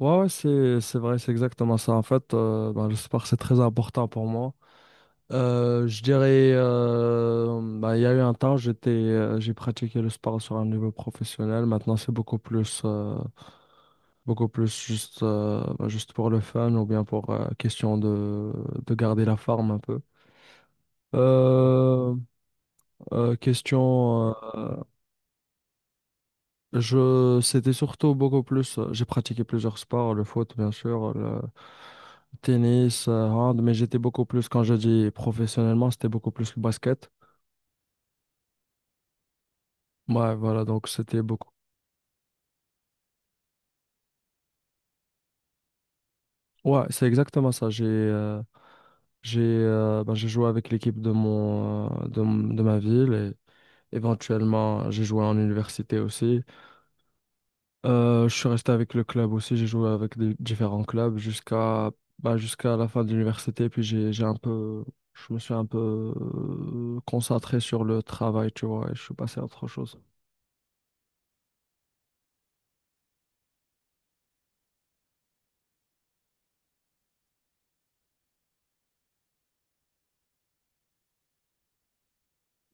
Ouais, ouais, c'est vrai, c'est exactement ça. En fait, ben, le sport, c'est très important pour moi. Je dirais, ben, il y a eu un temps, j'ai pratiqué le sport sur un niveau professionnel. Maintenant, c'est beaucoup plus juste, juste pour le fun ou bien pour question de, garder la forme un peu. Euh, question. C'était surtout beaucoup plus, j'ai pratiqué plusieurs sports, le foot, bien sûr, le tennis, hand, mais j'étais beaucoup plus, quand je dis professionnellement, c'était beaucoup plus le basket. Ouais, voilà, donc c'était beaucoup. Ouais, c'est exactement ça. J'ai joué avec l'équipe de mon de, m- de ma ville et éventuellement j'ai joué en université aussi. Je suis resté avec le club aussi, j'ai joué avec des différents clubs jusqu'à la fin de l'université, puis j'ai un peu je me suis un peu concentré sur le travail, tu vois, et je suis passé à autre chose.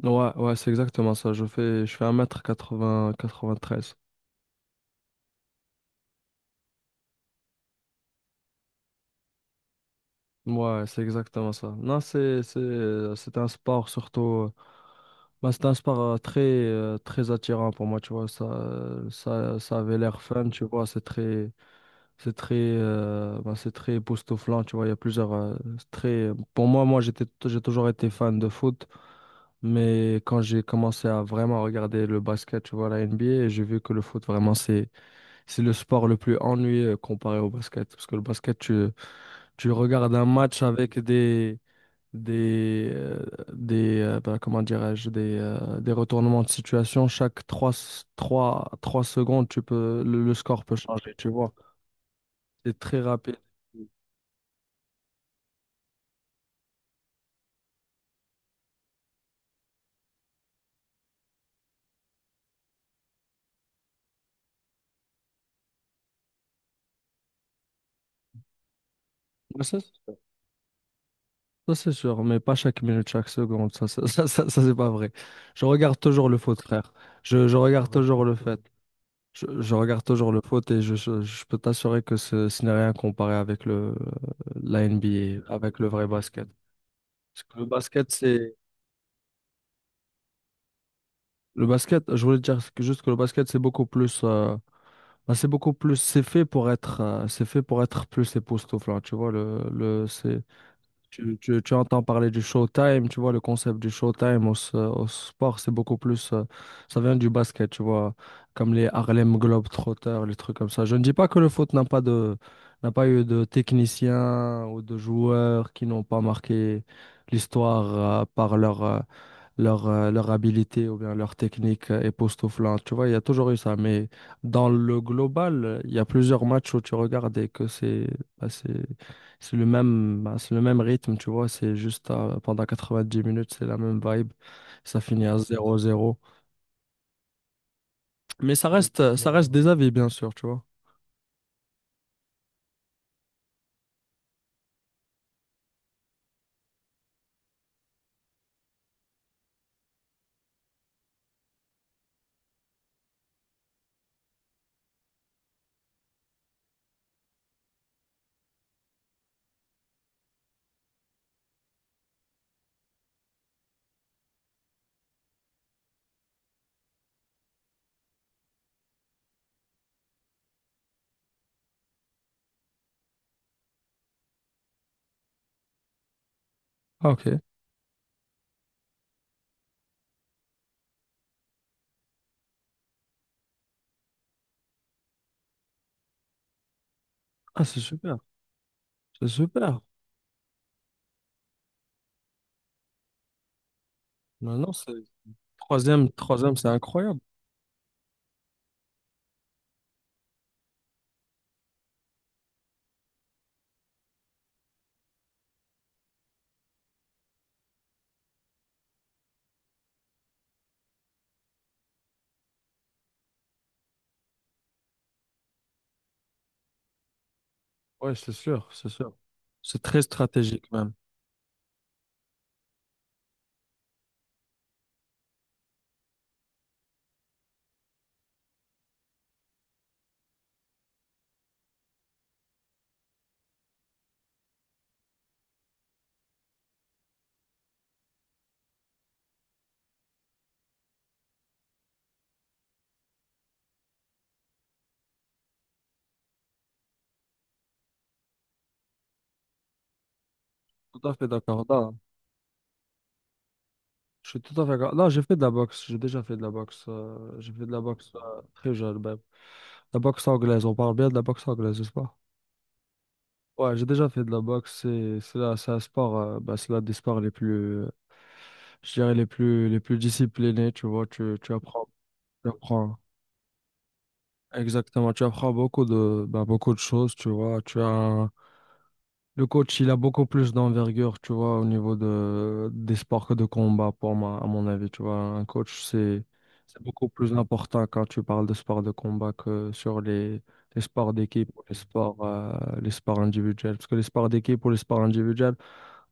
Ouais, ouais, c'est exactement ça. Je fais 1 quatre-vingt-treize. Ouais, c'est exactement ça. Non, c'est un sport surtout euh, bah, c'est un sport très attirant pour moi, tu vois, ça avait l'air fun, tu vois, c'est très. C'est très époustouflant, tu vois. Il y a plusieurs, c'est très. Pour moi, moi, j'ai toujours été fan de foot, mais quand j'ai commencé à vraiment regarder le basket, tu vois, la NBA, j'ai vu que le foot, vraiment, c'est le sport le plus ennuyeux comparé au basket. Parce que le basket, tu regardes un match avec des, euh, comment dirais-je, des retournements de situation. Chaque trois secondes, tu peux, le score peut changer, tu vois. C'est très rapide. Ouais, ça, c'est sûr, mais pas chaque minute, chaque seconde, c'est pas vrai. Je regarde toujours le foot, frère. Je regarde, toujours le fait. Je regarde toujours le foot et je peux t'assurer que ce n'est rien comparé avec la NBA, avec le vrai basket. Parce que le basket, c'est. Le basket, je voulais te dire juste que le basket, c'est beaucoup plus, c'est beaucoup plus. C'est fait pour être, c'est fait pour être plus époustouflant, tu vois. C'est. Tu entends parler du Showtime, tu vois, le concept du Showtime au sport, c'est beaucoup plus, ça vient du basket, tu vois, comme les Harlem Globetrotters, les trucs comme ça. Je ne dis pas que le foot n'a pas eu de techniciens ou de joueurs qui n'ont pas marqué l'histoire par leur habilité ou bien leur technique époustouflante. Tu vois, il y a toujours eu ça. Mais dans le global, il y a plusieurs matchs où tu regardes et que c'est bah, c'est le même, bah, c'est le même rythme, tu vois. C'est juste pendant 90 minutes, c'est la même vibe. Ça finit à zéro zéro. Mais ça reste des avis, bien sûr, tu vois. Ah, ok. Ah, c'est super. C'est super. Non, non, c'est troisième, troisième, c'est incroyable. Ouais, c'est sûr, c'est sûr. C'est très stratégique, même. Tout à fait d'accord. Là, je suis tout à fait d'accord. Là, j'ai fait de la boxe. J'ai déjà fait de la boxe. J'ai fait de la boxe très jeune, même. La boxe anglaise. On parle bien de la boxe anglaise, n'est-ce pas? Ouais, j'ai déjà fait de la boxe. C'est là, c'est un sport, bah, c'est l'un des sports les plus, je dirais les plus disciplinés. Tu vois, tu apprends exactement. Tu apprends beaucoup beaucoup de choses. Tu vois, tu as le coach, il a beaucoup plus d'envergure. Tu vois, au niveau de des sports que de combat, pour moi, à mon avis. Tu vois, un coach, c'est beaucoup plus important quand tu parles de sports de combat que sur les sports d'équipe ou les sports individuels. Parce que les sports d'équipe ou les sports individuels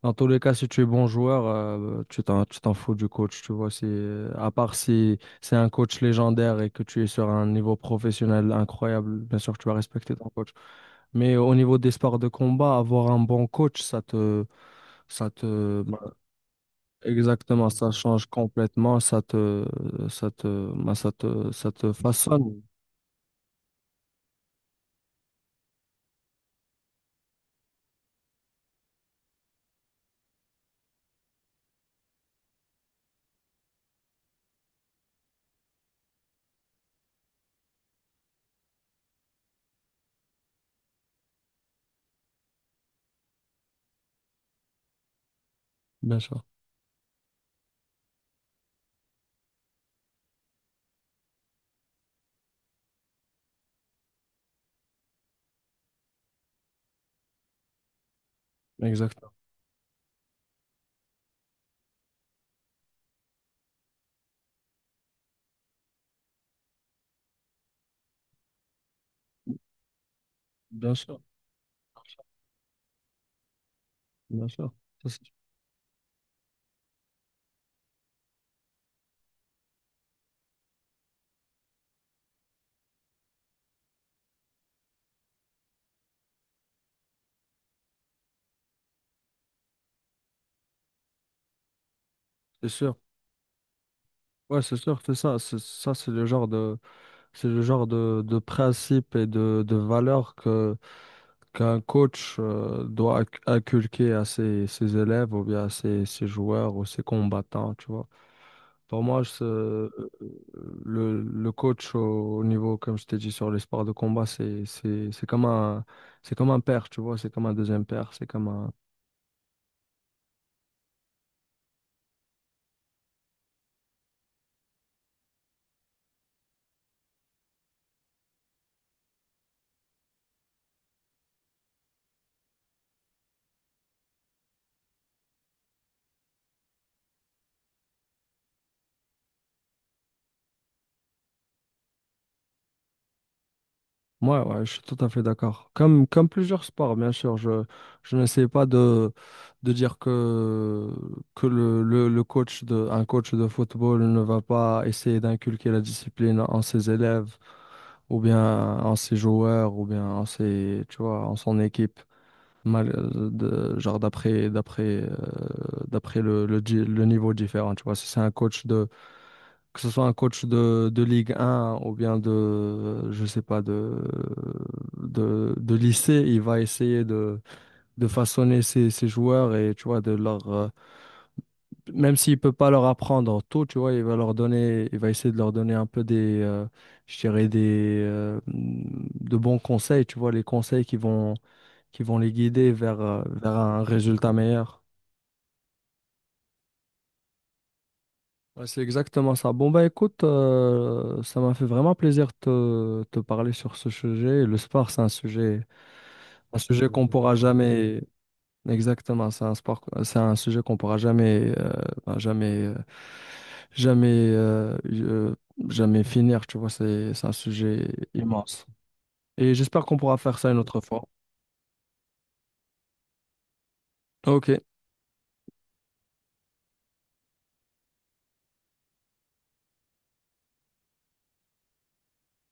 dans tous les cas, si tu es bon joueur, tu t'en fous du coach, tu vois. À part si c'est un coach légendaire et que tu es sur un niveau professionnel incroyable, bien sûr que tu vas respecter ton coach. Mais au niveau des sports de combat, avoir un bon coach, ça te, bah, exactement, ça change complètement, ça te, bah, ça te façonne, bien sûr. Exactement. Bien sûr, bien sûr. Ça, C'est c'est sûr. Ouais, c'est sûr, c'est ça. C'est le genre de, principe et de valeur qu'un coach doit inculquer à ses élèves ou bien à ses joueurs ou ses combattants, tu vois. Pour moi, le coach au, au niveau, comme je t'ai dit, sur les sports de combat, c'est comme un père, tu vois, c'est comme un deuxième père, c'est comme un. Ouais, ouais, je suis tout à fait d'accord. Comme plusieurs sports, bien sûr, je n'essaie pas de, dire que le coach de, un coach de football ne va pas essayer d'inculquer la discipline en ses élèves, ou bien en ses joueurs, ou bien en ses, tu vois, en son équipe, mal, de, genre d'après le niveau différent. Tu vois, si c'est un coach que ce soit un coach de Ligue 1 ou bien je sais pas, de lycée, il va essayer de façonner ses joueurs et, tu vois, de leur, même s'il peut pas leur apprendre tout, tu vois, il va essayer de leur donner un peu je dirais de bons conseils, tu vois, les conseils qui vont les guider vers, vers un résultat meilleur. Ouais, c'est exactement ça. Bon, bah écoute, ça m'a fait vraiment plaisir de te parler sur ce sujet. Le sport, c'est un sujet qu'on pourra jamais, exactement, c'est c'est un sujet qu'on pourra jamais, ben, jamais, jamais, euh, euh, jamais finir, tu vois, c'est un sujet immense. Et j'espère qu'on pourra faire ça une autre fois. Ok.